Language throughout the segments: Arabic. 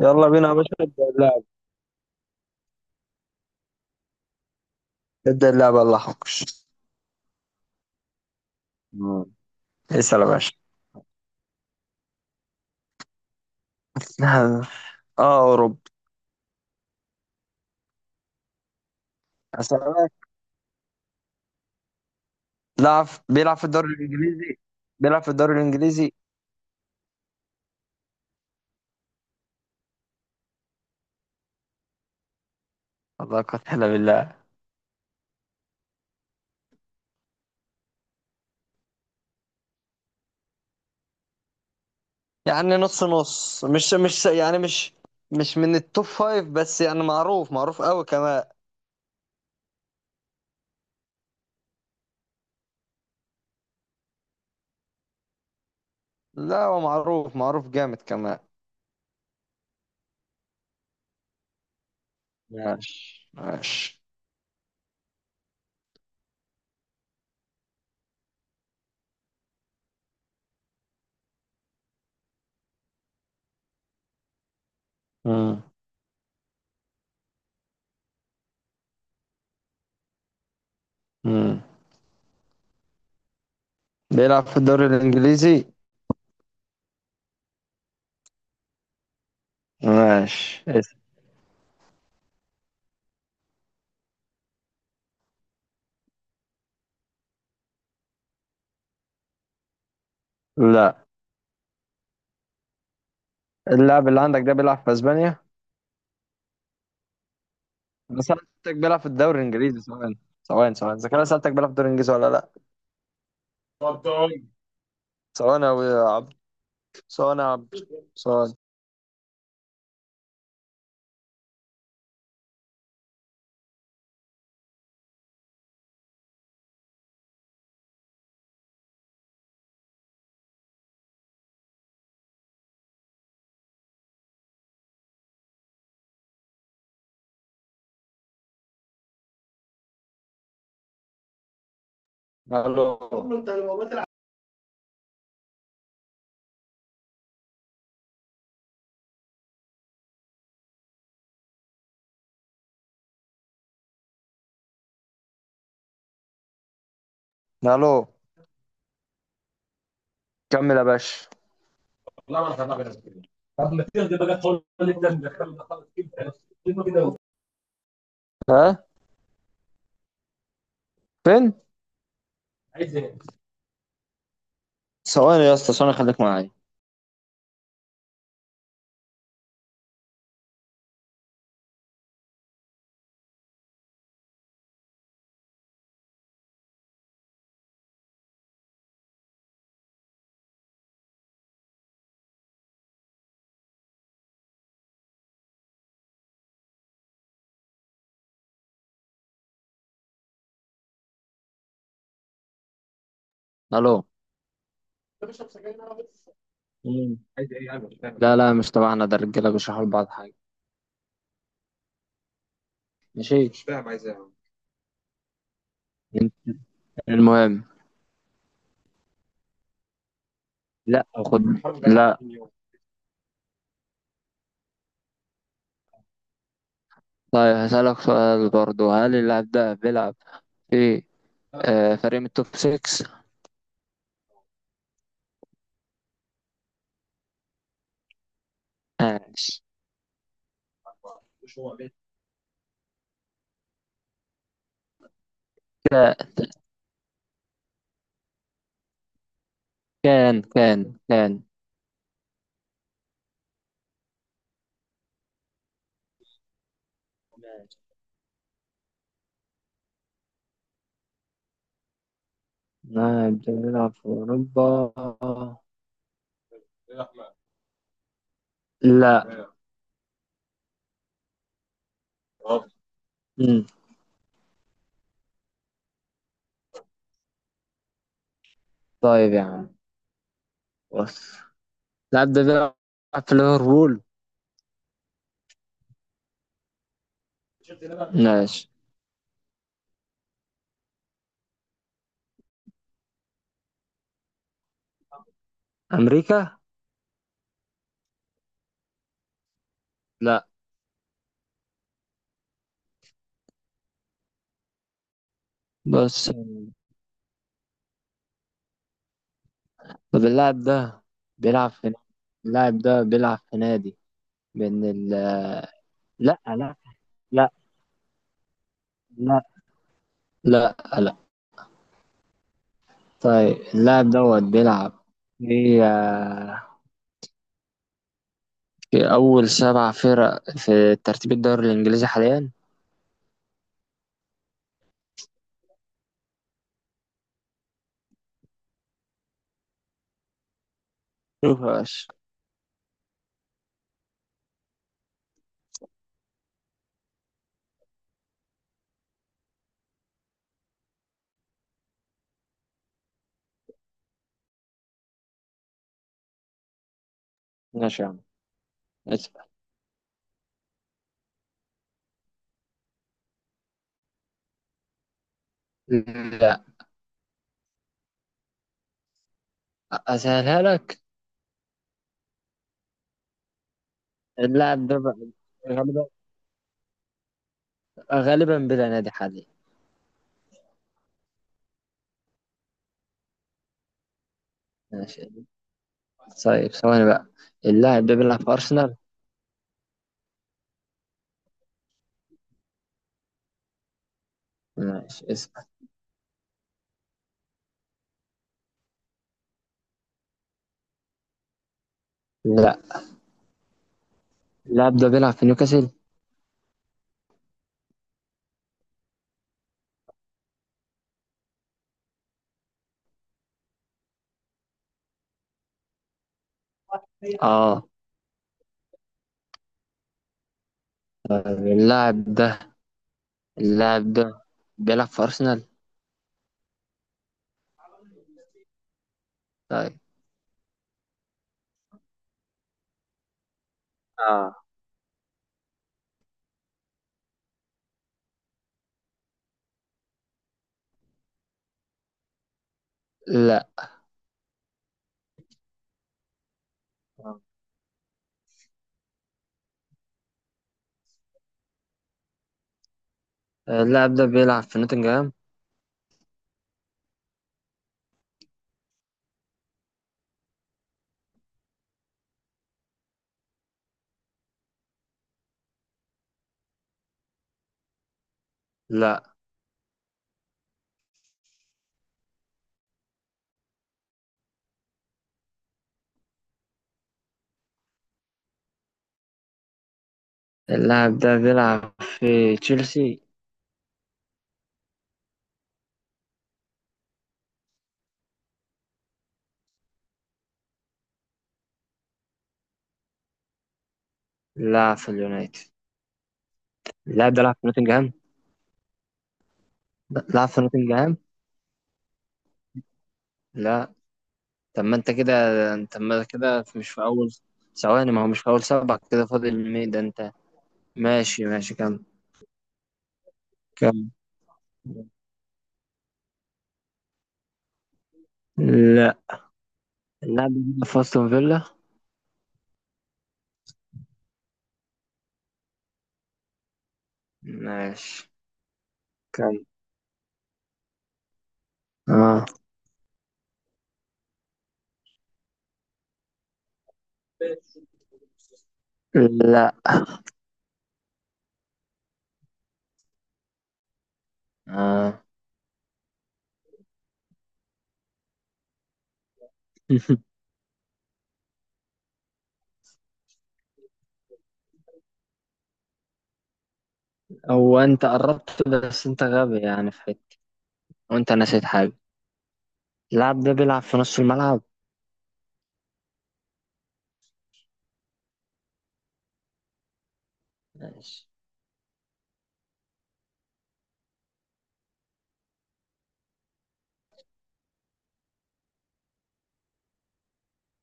يلا بينا يا باشا نبدأ اللعب. نبدأ اللعبة الله حافظ. مم. اسأل يا باشا. اه اوروبي. اسألك لعب بيلعب في الدوري الانجليزي. بيلع في الدوري الانجليزي. الله قتل بالله. يعني نص نص، مش مش من التوب فايف، بس يعني معروف معروف قوي كمان. لا هو معروف معروف جامد كمان. ماشي ماشي. مم. مم. بيلعب في الدوري الانجليزي. ماشي اسأل. لا، اللاعب اللي عندك ده بيلعب في اسبانيا؟ انا سالتك بيلعب في الدوري الانجليزي سواء، سواء، سواء اذا كان أنا سالتك بيلعب في الدوري الانجليزي ولا لا. اتفضل. سواء يا عبد، سواء يا عبد، سواء. الو، الو. كمل يا باشا. ها فين؟ سواء يا اسطى سواء، خليك معايا. الو. لا لا مش تبعنا، ده الرجاله بيشرحوا لبعض حاجه. ماشي. عم؟ المهم. لا خد. لا. طيب هسألك سؤال برضو، هل اللاعب ده بيلعب في فريق من التوب 6؟ ماشي. كده كان كان كان. نعم بنلعب في أوروبا. لا مم. طيب يا عم، بص، اللاعب ده بيلعب في ليفربول. ماشي. أمريكا؟ لا. بص. طب اللاعب ده بيلعب في، اللاعب ده بيلعب في نادي بين ال، لا لا لا. لا لا لا. طيب اللاعب دوت بيلعب في، في أول سبع فرق في ترتيب الدوري الإنجليزي حاليا. مفيهاش. ماشي يا عم، اسمع. لا. اسهلها لك. اللاعب ده بقى غالبا، غالبا بلا نادي حاليا. ماشي. طيب ثواني بقى، اللاعب ده بيلعب في ارسنال. ماشي اسمع. لا. اللاعب ده بيلعب في نيوكاسل. اه. طيب اللاعب ده، اللاعب ده بيلعب في ارسنال. طيب. اه. لا. اللاعب ده بيلعب في نوتنغهام. لا. اللاعب ده بيلعب في تشيلسي. لا في اليونايتد. اللاعب ده لعب في نوتنغهام. لا، لعب في نوتنغهام. لا. طب ما انت كده، انت ما كده مش في اول، ثواني، ما هو مش في اول سبعة كده فاضل مي ده انت. ماشي ماشي. كم؟ كم؟ لا. اللاعب ده بيلعب في استون فيلا. ماشي. كم؟ اه. لا. اه. هو انت قربت بس انت غبي يعني في حته، وانت نسيت حاجه. اللاعب ده بيلعب في نص الملعب. ماشي.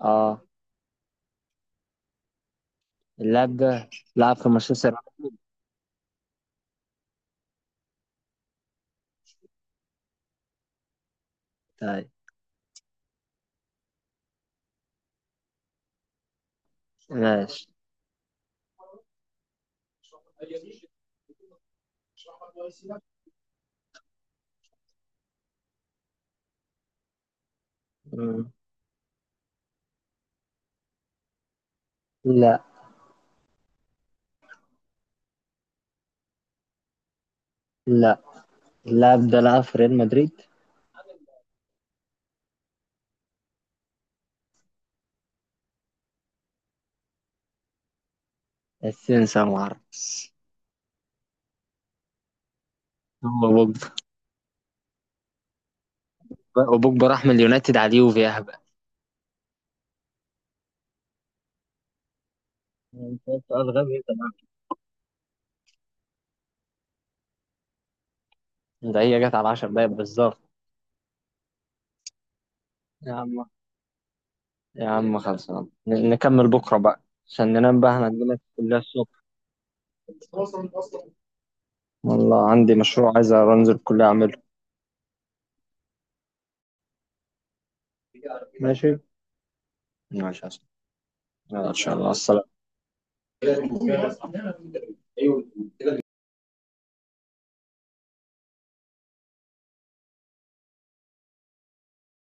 اه. اللاعب ده لعب في مانشستر يونايتد. طيب. ماشي. مم. لا. لا، اللاعب ده لعب في ريال مدريد. السنسر ما اعرفش. هو بوجبا؟ وبوجبا راح من اليونايتد على اليوفي اهبل. انت سؤال غبي انت معاك. ده هي جت على 10 دقايق بالظبط. يا عم، يا عم خلصنا، نكمل بكره بقى، عشان ننام بقى، هنعمل الكليه الصبح. والله عندي مشروع عايز انزل الكليه اعمله. ماشي. ماشي يا أسطى. يلا، ان شاء الله، السلام.